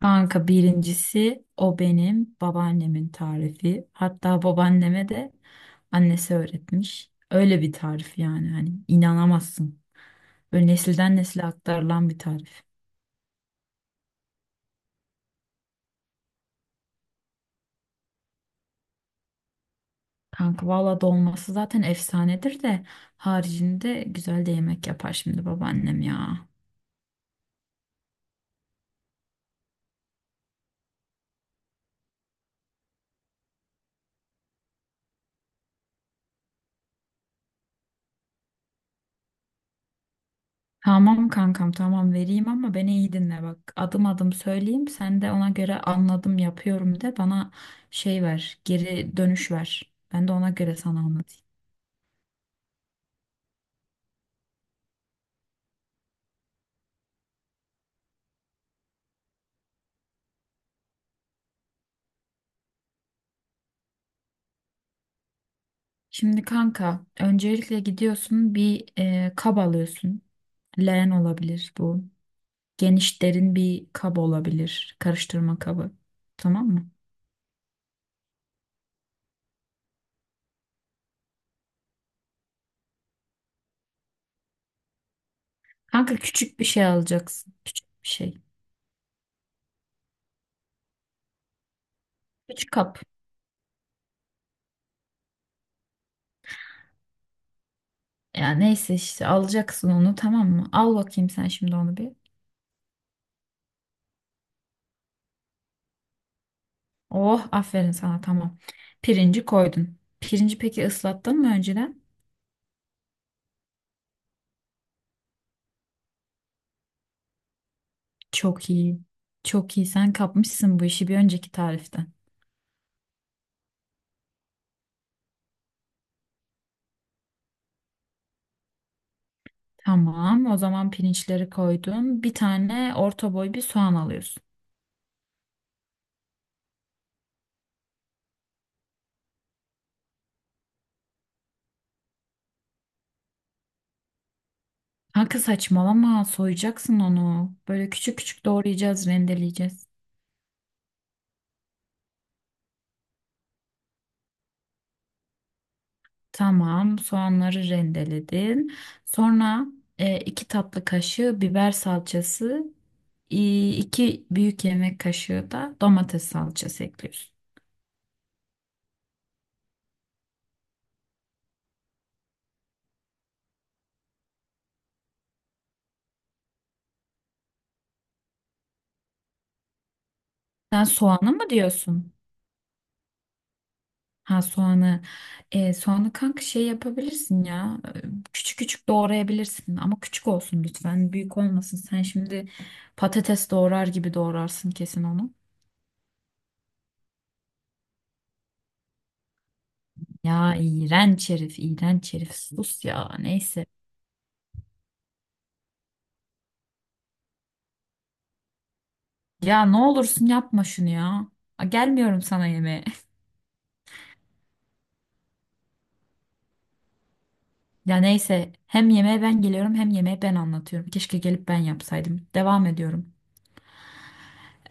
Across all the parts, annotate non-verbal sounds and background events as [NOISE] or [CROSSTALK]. Kanka birincisi o benim babaannemin tarifi. Hatta babaanneme de annesi öğretmiş. Öyle bir tarif yani hani inanamazsın. Böyle nesilden nesile aktarılan bir tarif. Kanka valla dolması zaten efsanedir de haricinde güzel de yemek yapar şimdi babaannem ya. Tamam kankam, tamam vereyim ama beni iyi dinle bak. Adım adım söyleyeyim, sen de ona göre anladım yapıyorum de bana, şey ver, geri dönüş ver. Ben de ona göre sana anlatayım. Şimdi kanka öncelikle gidiyorsun bir kap alıyorsun. Leğen olabilir bu. Geniş derin bir kap olabilir. Karıştırma kabı. Tamam mı? Kanka küçük bir şey alacaksın. Küçük bir şey. Küçük kap. Ya neyse işte alacaksın onu, tamam mı? Al bakayım sen şimdi onu bir. Oh, aferin sana, tamam. Pirinci koydun. Pirinci peki ıslattın mı önceden? Çok iyi. Çok iyi, sen kapmışsın bu işi bir önceki tariften. Tamam. O zaman pirinçleri koydun. Bir tane orta boy bir soğan alıyorsun. Kanka saçmalama. Soyacaksın onu. Böyle küçük küçük doğrayacağız, rendeleyeceğiz. Tamam. Soğanları rendeledin. Sonra iki tatlı kaşığı biber salçası, iki büyük yemek kaşığı da domates salçası ekliyorsun. Sen soğanı mı diyorsun? Ha, soğanı. E, soğanı kanka şey yapabilirsin ya. Küçük küçük doğrayabilirsin ama küçük olsun lütfen. Büyük olmasın. Sen şimdi patates doğrar gibi doğrarsın kesin onu. Ya iğrenç herif, iğrenç herif. Sus ya. Neyse. Ya ne olursun yapma şunu ya. A, gelmiyorum sana yemeğe. [LAUGHS] Ya neyse, hem yemeğe ben geliyorum hem yemeğe ben anlatıyorum. Keşke gelip ben yapsaydım. Devam ediyorum.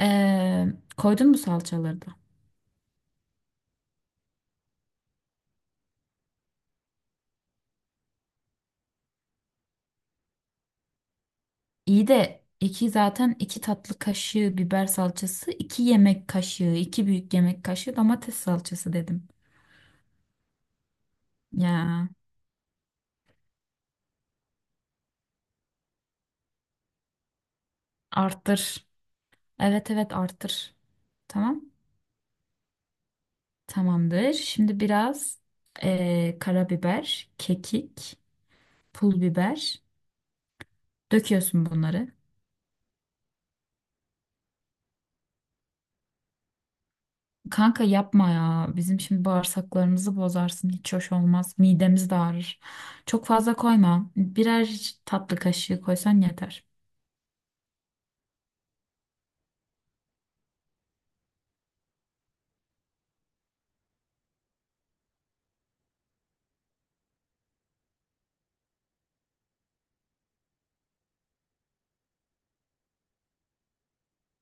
Ee, koydun mu salçaları da? İyi de iki, zaten iki tatlı kaşığı biber salçası, iki yemek kaşığı, iki büyük yemek kaşığı domates salçası dedim. Ya arttır. Evet evet arttır. Tamam. Tamamdır. Şimdi biraz karabiber, kekik, pul biber. Döküyorsun bunları. Kanka yapma ya. Bizim şimdi bağırsaklarımızı bozarsın. Hiç hoş olmaz. Midemiz de ağrır. Çok fazla koyma. Birer tatlı kaşığı koysan yeter.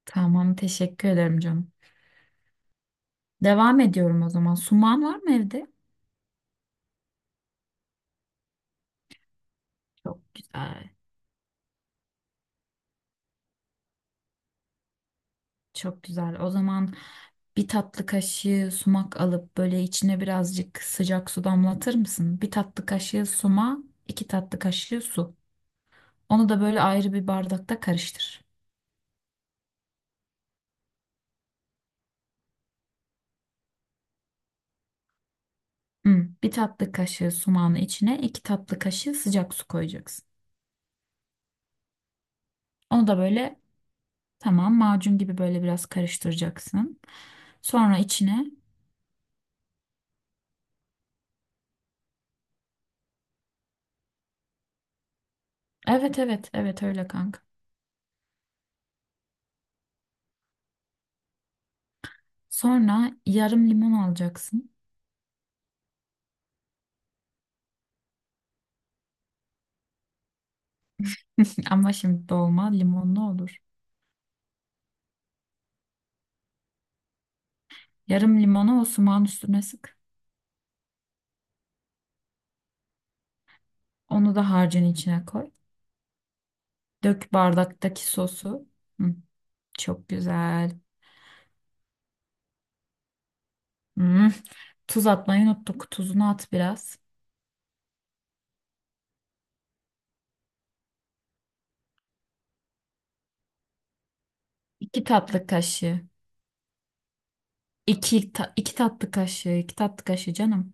Tamam, teşekkür ederim canım. Devam ediyorum o zaman. Suman var mı evde? Çok güzel. Çok güzel. O zaman bir tatlı kaşığı sumak alıp böyle içine birazcık sıcak su damlatır mısın? Bir tatlı kaşığı suma, iki tatlı kaşığı su. Onu da böyle ayrı bir bardakta karıştır. Hı, bir tatlı kaşığı sumağın içine iki tatlı kaşığı sıcak su koyacaksın. Onu da böyle, tamam, macun gibi böyle biraz karıştıracaksın. Sonra içine evet evet evet, öyle kanka. Sonra yarım limon alacaksın. [LAUGHS] Ama şimdi dolma limonlu olur. Yarım limonu o sumağın üstüne sık. Onu da harcın içine koy. Dök bardaktaki sosu. Hı, çok güzel. Hı, tuz atmayı unuttuk. Tuzunu at biraz. İki tatlı kaşığı. İki tatlı kaşığı. İki tatlı kaşığı canım.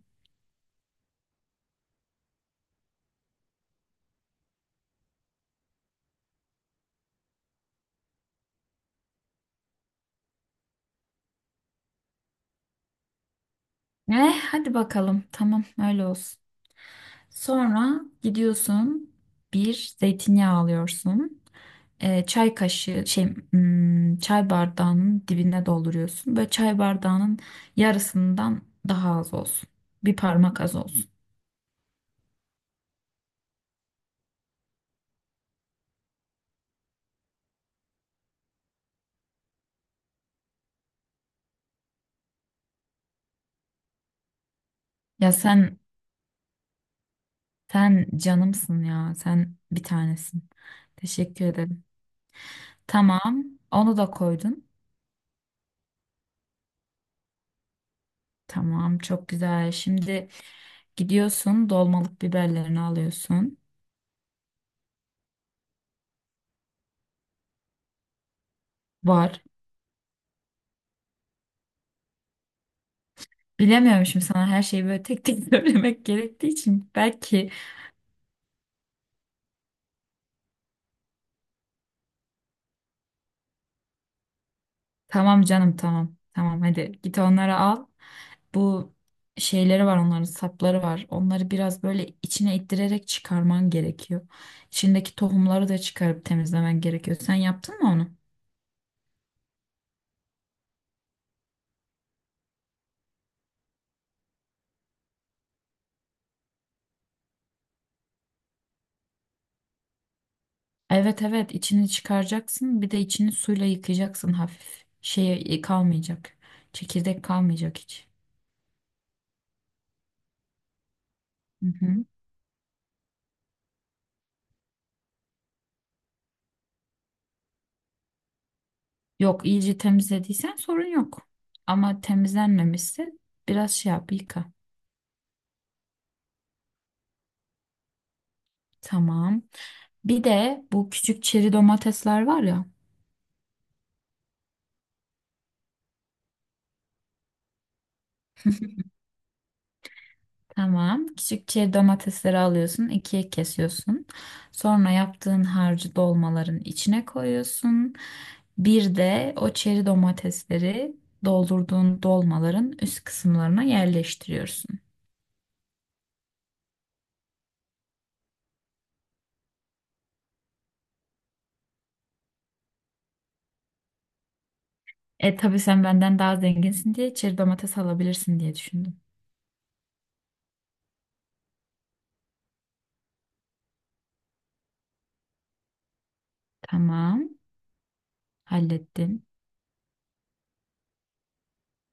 Eh, hadi bakalım. Tamam, öyle olsun. Sonra gidiyorsun. Bir zeytinyağı alıyorsun. Çay kaşığı şey çay bardağının dibine dolduruyorsun. Böyle çay bardağının yarısından daha az olsun. Bir parmak az olsun. Ya sen, canımsın ya. Sen bir tanesin. Teşekkür ederim. Tamam. Onu da koydun. Tamam, çok güzel. Şimdi gidiyorsun, dolmalık biberlerini alıyorsun. Var. Bilemiyorum şimdi, sana her şeyi böyle tek tek [LAUGHS] söylemek gerektiği için belki. Tamam canım, tamam. Tamam, hadi git onları al. Bu şeyleri var, onların sapları var. Onları biraz böyle içine ittirerek çıkarman gerekiyor. İçindeki tohumları da çıkarıp temizlemen gerekiyor. Sen yaptın mı onu? Evet evet içini çıkaracaksın. Bir de içini suyla yıkayacaksın hafif. Şey kalmayacak. Çekirdek kalmayacak hiç. Hı hı. Yok, iyice temizlediysen sorun yok. Ama temizlenmemişse biraz şey yap, yıka. Tamam. Bir de bu küçük çeri domatesler var ya. Tamam. Küçük çeri domatesleri alıyorsun, ikiye kesiyorsun. Sonra yaptığın harcı dolmaların içine koyuyorsun. Bir de o çeri domatesleri doldurduğun dolmaların üst kısımlarına yerleştiriyorsun. E tabii, sen benden daha zenginsin diye çeri domates alabilirsin diye düşündüm. Tamam, hallettin.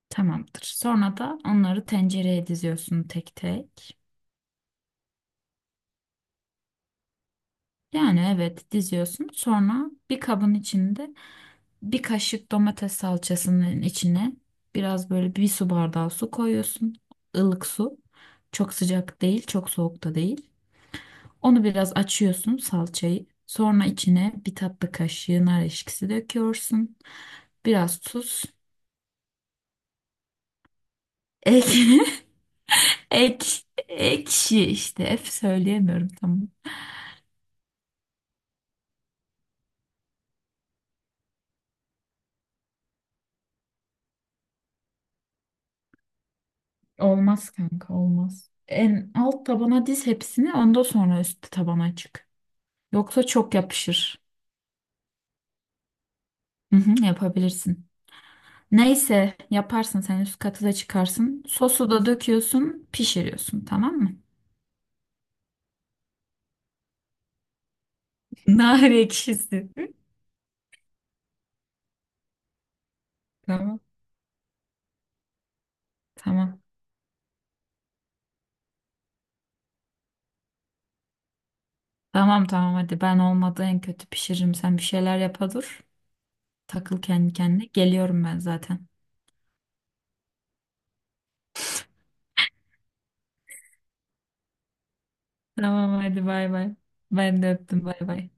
Tamamdır. Sonra da onları tencereye diziyorsun tek tek. Yani evet, diziyorsun. Sonra bir kabın içinde bir kaşık domates salçasının içine biraz böyle bir su bardağı su koyuyorsun. Ilık su. Çok sıcak değil, çok soğuk da değil. Onu biraz açıyorsun salçayı. Sonra içine bir tatlı kaşığı nar ekşisi döküyorsun. Biraz tuz. Ek, [LAUGHS] ek, ekşi işte. Hep söyleyemiyorum, tamam. Olmaz kanka, olmaz. En alt tabana diz hepsini, ondan sonra üst tabana çık. Yoksa çok yapışır. Hı hı, yapabilirsin. Neyse, yaparsın sen üst katı da, çıkarsın. Sosu da döküyorsun, pişiriyorsun, tamam mı? [LAUGHS] Nar ekşisi. Tamam. Tamam. Tamam tamam, hadi ben olmadı en kötü pişiririm. Sen bir şeyler yapa dur. Takıl kendi kendine. Geliyorum ben zaten. Tamam hadi, bay bay. Ben de öptüm, bay bay.